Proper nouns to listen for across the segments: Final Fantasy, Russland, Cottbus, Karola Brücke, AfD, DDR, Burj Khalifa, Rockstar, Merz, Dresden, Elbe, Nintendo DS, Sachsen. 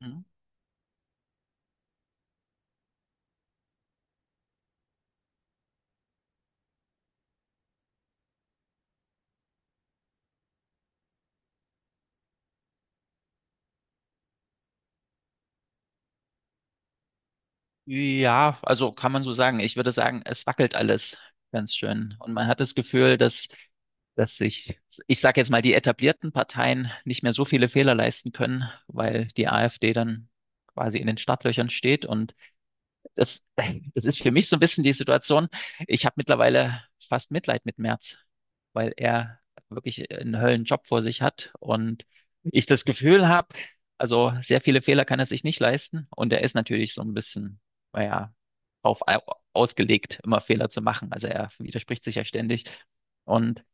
Mhm. Ja, also kann man so sagen. Ich würde sagen, es wackelt alles ganz schön. Und man hat das Gefühl, dass sich, ich sage jetzt mal, die etablierten Parteien nicht mehr so viele Fehler leisten können, weil die AfD dann quasi in den Startlöchern steht und das, das ist für mich so ein bisschen die Situation. Ich habe mittlerweile fast Mitleid mit Merz, weil er wirklich einen Höllenjob vor sich hat und ich das Gefühl habe, also sehr viele Fehler kann er sich nicht leisten und er ist natürlich so ein bisschen, naja, auf ausgelegt, immer Fehler zu machen. Also er widerspricht sich ja ständig und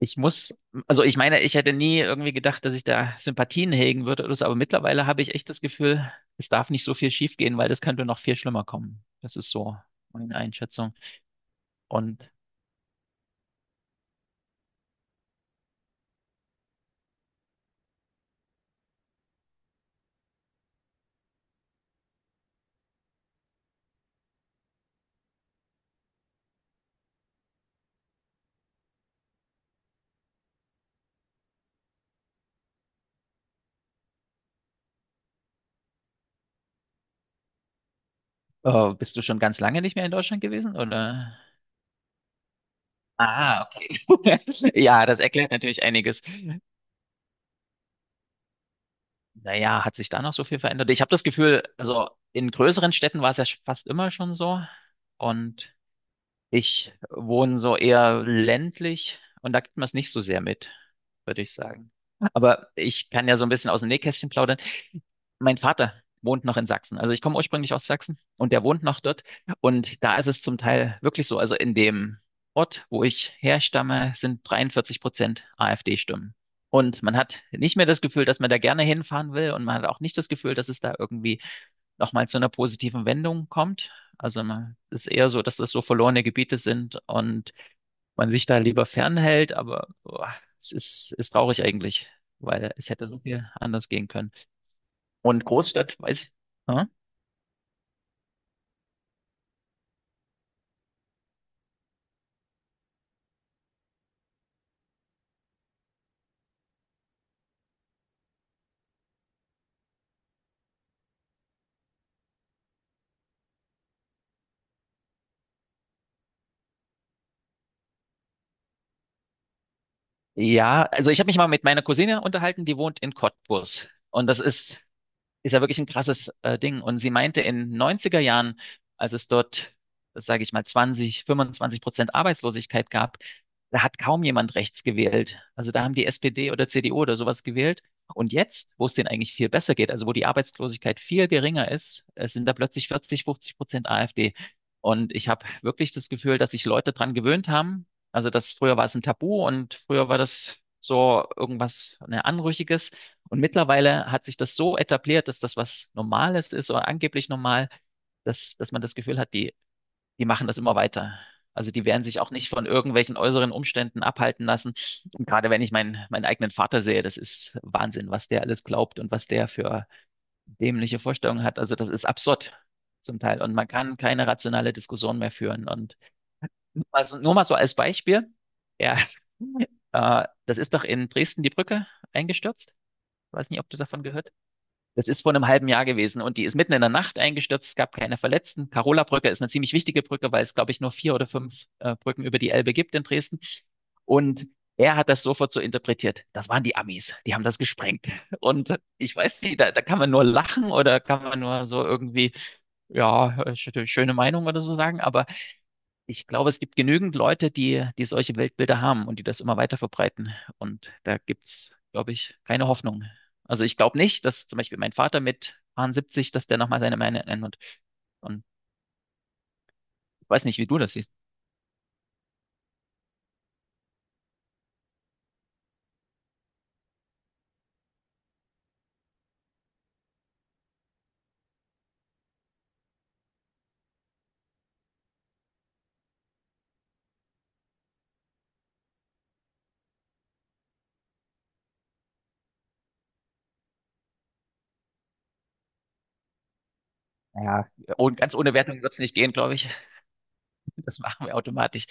ich muss, also ich meine, ich hätte nie irgendwie gedacht, dass ich da Sympathien hegen würde oder so, aber mittlerweile habe ich echt das Gefühl, es darf nicht so viel schiefgehen, weil das könnte noch viel schlimmer kommen. Das ist so meine Einschätzung. Und bist du schon ganz lange nicht mehr in Deutschland gewesen, oder? Ah, okay. Ja, das erklärt natürlich einiges. Naja, hat sich da noch so viel verändert? Ich habe das Gefühl, also in größeren Städten war es ja fast immer schon so. Und ich wohne so eher ländlich und da kriegt man es nicht so sehr mit, würde ich sagen. Aber ich kann ja so ein bisschen aus dem Nähkästchen plaudern. Mein Vater wohnt noch in Sachsen. Also ich komme ursprünglich aus Sachsen und der wohnt noch dort. Und da ist es zum Teil wirklich so. Also in dem Ort, wo ich herstamme, sind 43% AfD-Stimmen. Und man hat nicht mehr das Gefühl, dass man da gerne hinfahren will und man hat auch nicht das Gefühl, dass es da irgendwie nochmal zu einer positiven Wendung kommt. Also man ist eher so, dass das so verlorene Gebiete sind und man sich da lieber fernhält, aber boah, es ist traurig eigentlich, weil es hätte so viel anders gehen können. Und Großstadt, weiß ich. Hm? Ja, also ich habe mich mal mit meiner Cousine unterhalten, die wohnt in Cottbus. Und das ist ja wirklich ein krasses Ding. Und sie meinte, in 90er Jahren, als es dort, sage ich mal, 20, 25% Arbeitslosigkeit gab, da hat kaum jemand rechts gewählt. Also da haben die SPD oder CDU oder sowas gewählt. Und jetzt, wo es denen eigentlich viel besser geht, also wo die Arbeitslosigkeit viel geringer ist, es sind da plötzlich 40, 50% AfD. Und ich habe wirklich das Gefühl, dass sich Leute dran gewöhnt haben. Also das früher war es ein Tabu und früher war das so irgendwas, ne, Anrüchiges. Und mittlerweile hat sich das so etabliert, dass das was Normales ist oder angeblich normal, dass man das Gefühl hat, die machen das immer weiter. Also die werden sich auch nicht von irgendwelchen äußeren Umständen abhalten lassen. Und gerade wenn ich meinen eigenen Vater sehe, das ist Wahnsinn, was der alles glaubt und was der für dämliche Vorstellungen hat. Also das ist absurd zum Teil. Und man kann keine rationale Diskussion mehr führen. Und nur mal so als Beispiel, ja, das ist doch in Dresden die Brücke eingestürzt. Ich weiß nicht, ob du davon gehört. Das ist vor einem halben Jahr gewesen und die ist mitten in der Nacht eingestürzt. Es gab keine Verletzten. Karola Brücke ist eine ziemlich wichtige Brücke, weil es, glaube ich, nur vier oder fünf Brücken über die Elbe gibt in Dresden. Und er hat das sofort so interpretiert. Das waren die Amis. Die haben das gesprengt. Und ich weiß nicht, da kann man nur lachen oder kann man nur so irgendwie, ja, schöne Meinung oder so sagen. Aber ich glaube, es gibt genügend Leute, die, die solche Weltbilder haben und die das immer weiter verbreiten. Und da gibt's, glaube ich, keine Hoffnung. Also ich glaube nicht, dass zum Beispiel mein Vater mit 70, dass der nochmal seine Meinung ändert. Und ich weiß nicht, wie du das siehst. Naja, und ganz ohne Wertung wird's nicht gehen, glaube ich. Das machen wir automatisch.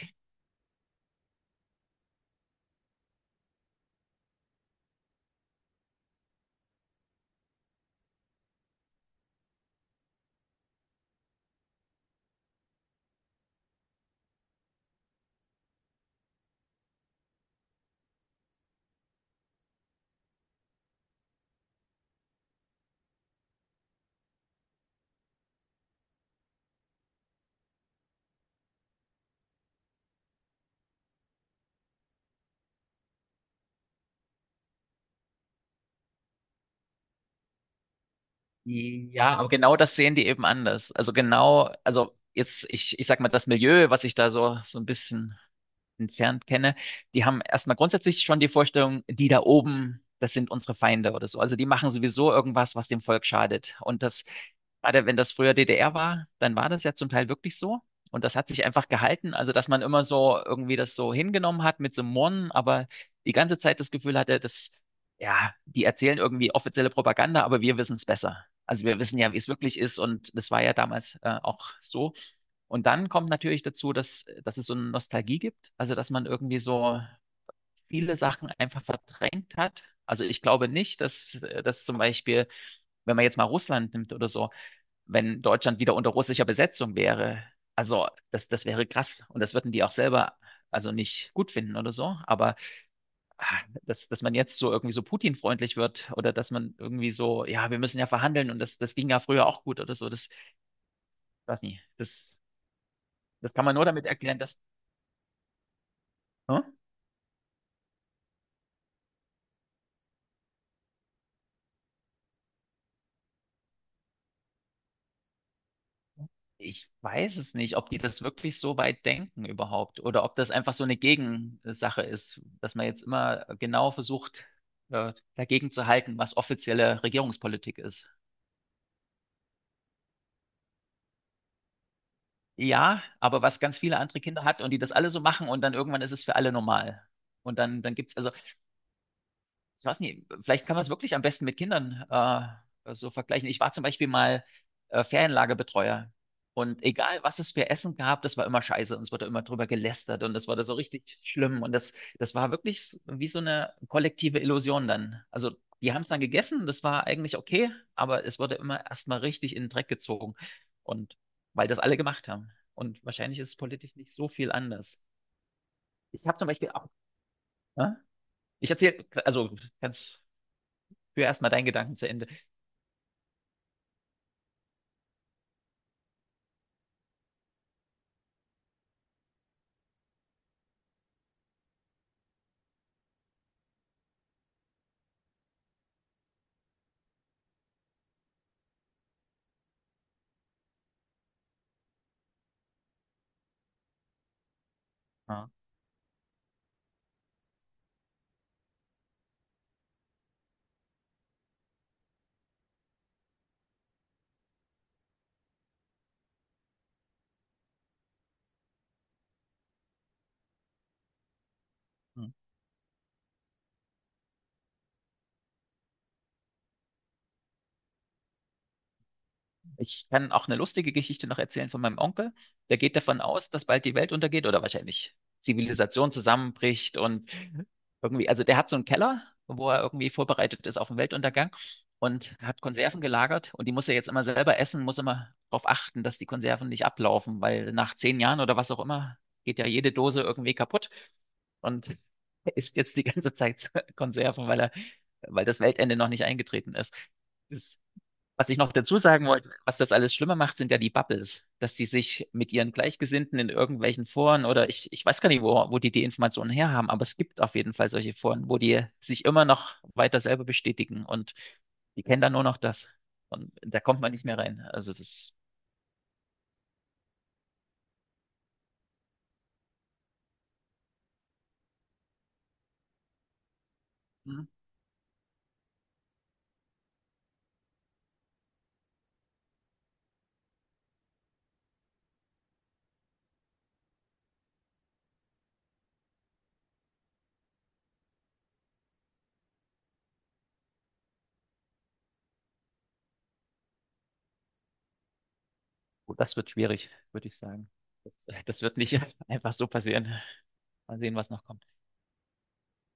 Ja, aber genau das sehen die eben anders. Also genau, also jetzt, ich sag mal, das Milieu, was sich da so ein bisschen entfernt kenne, die haben erstmal grundsätzlich schon die Vorstellung, die da oben, das sind unsere Feinde oder so. Also die machen sowieso irgendwas, was dem Volk schadet. Und das, gerade wenn das früher DDR war, dann war das ja zum Teil wirklich so. Und das hat sich einfach gehalten. Also, dass man immer so irgendwie das so hingenommen hat mit so einem Murren, aber die ganze Zeit das Gefühl hatte, dass, ja, die erzählen irgendwie offizielle Propaganda, aber wir wissen es besser. Also wir wissen ja, wie es wirklich ist und das war ja damals auch so. Und dann kommt natürlich dazu, dass es so eine Nostalgie gibt, also dass man irgendwie so viele Sachen einfach verdrängt hat. Also ich glaube nicht, dass zum Beispiel, wenn man jetzt mal Russland nimmt oder so, wenn Deutschland wieder unter russischer Besetzung wäre, also das wäre krass. Und das würden die auch selber also nicht gut finden oder so. Aber dass man jetzt so irgendwie so Putin-freundlich wird oder dass man irgendwie so, ja, wir müssen ja verhandeln und das ging ja früher auch gut oder so, das weiß nicht. Das kann man nur damit erklären, dass. Hm? Ich weiß es nicht, ob die das wirklich so weit denken überhaupt oder ob das einfach so eine Gegensache ist, dass man jetzt immer genau versucht, dagegen zu halten, was offizielle Regierungspolitik ist. Ja, aber was ganz viele andere Kinder hat und die das alle so machen und dann irgendwann ist es für alle normal. Und dann gibt's also ich weiß nicht, vielleicht kann man es wirklich am besten mit Kindern so vergleichen. Ich war zum Beispiel mal Ferienlagerbetreuer. Und egal, was es für Essen gab, das war immer scheiße und es wurde immer drüber gelästert und das wurde so richtig schlimm. Und das war wirklich wie so eine kollektive Illusion dann. Also die haben es dann gegessen, das war eigentlich okay, aber es wurde immer erstmal richtig in den Dreck gezogen. Und weil das alle gemacht haben. Und wahrscheinlich ist es politisch nicht so viel anders. Ich habe zum Beispiel auch, ne? Ich erzähle, also ganz Führ erstmal deinen Gedanken zu Ende. Ja. Hm. Ich kann auch eine lustige Geschichte noch erzählen von meinem Onkel. Der geht davon aus, dass bald die Welt untergeht oder wahrscheinlich Zivilisation zusammenbricht und irgendwie, also der hat so einen Keller, wo er irgendwie vorbereitet ist auf den Weltuntergang und hat Konserven gelagert und die muss er jetzt immer selber essen, muss immer darauf achten, dass die Konserven nicht ablaufen, weil nach 10 Jahren oder was auch immer geht ja jede Dose irgendwie kaputt und er isst jetzt die ganze Zeit Konserven, weil er, weil das Weltende noch nicht eingetreten ist. Das was ich noch dazu sagen wollte, was das alles schlimmer macht, sind ja die Bubbles, dass die sich mit ihren Gleichgesinnten in irgendwelchen Foren oder ich weiß gar nicht, wo die die Informationen her haben, aber es gibt auf jeden Fall solche Foren, wo die sich immer noch weiter selber bestätigen und die kennen dann nur noch das. Und da kommt man nicht mehr rein. Also es ist, Mhm. gut, das wird schwierig, würde ich sagen. Das wird nicht einfach so passieren. Mal sehen, was noch kommt.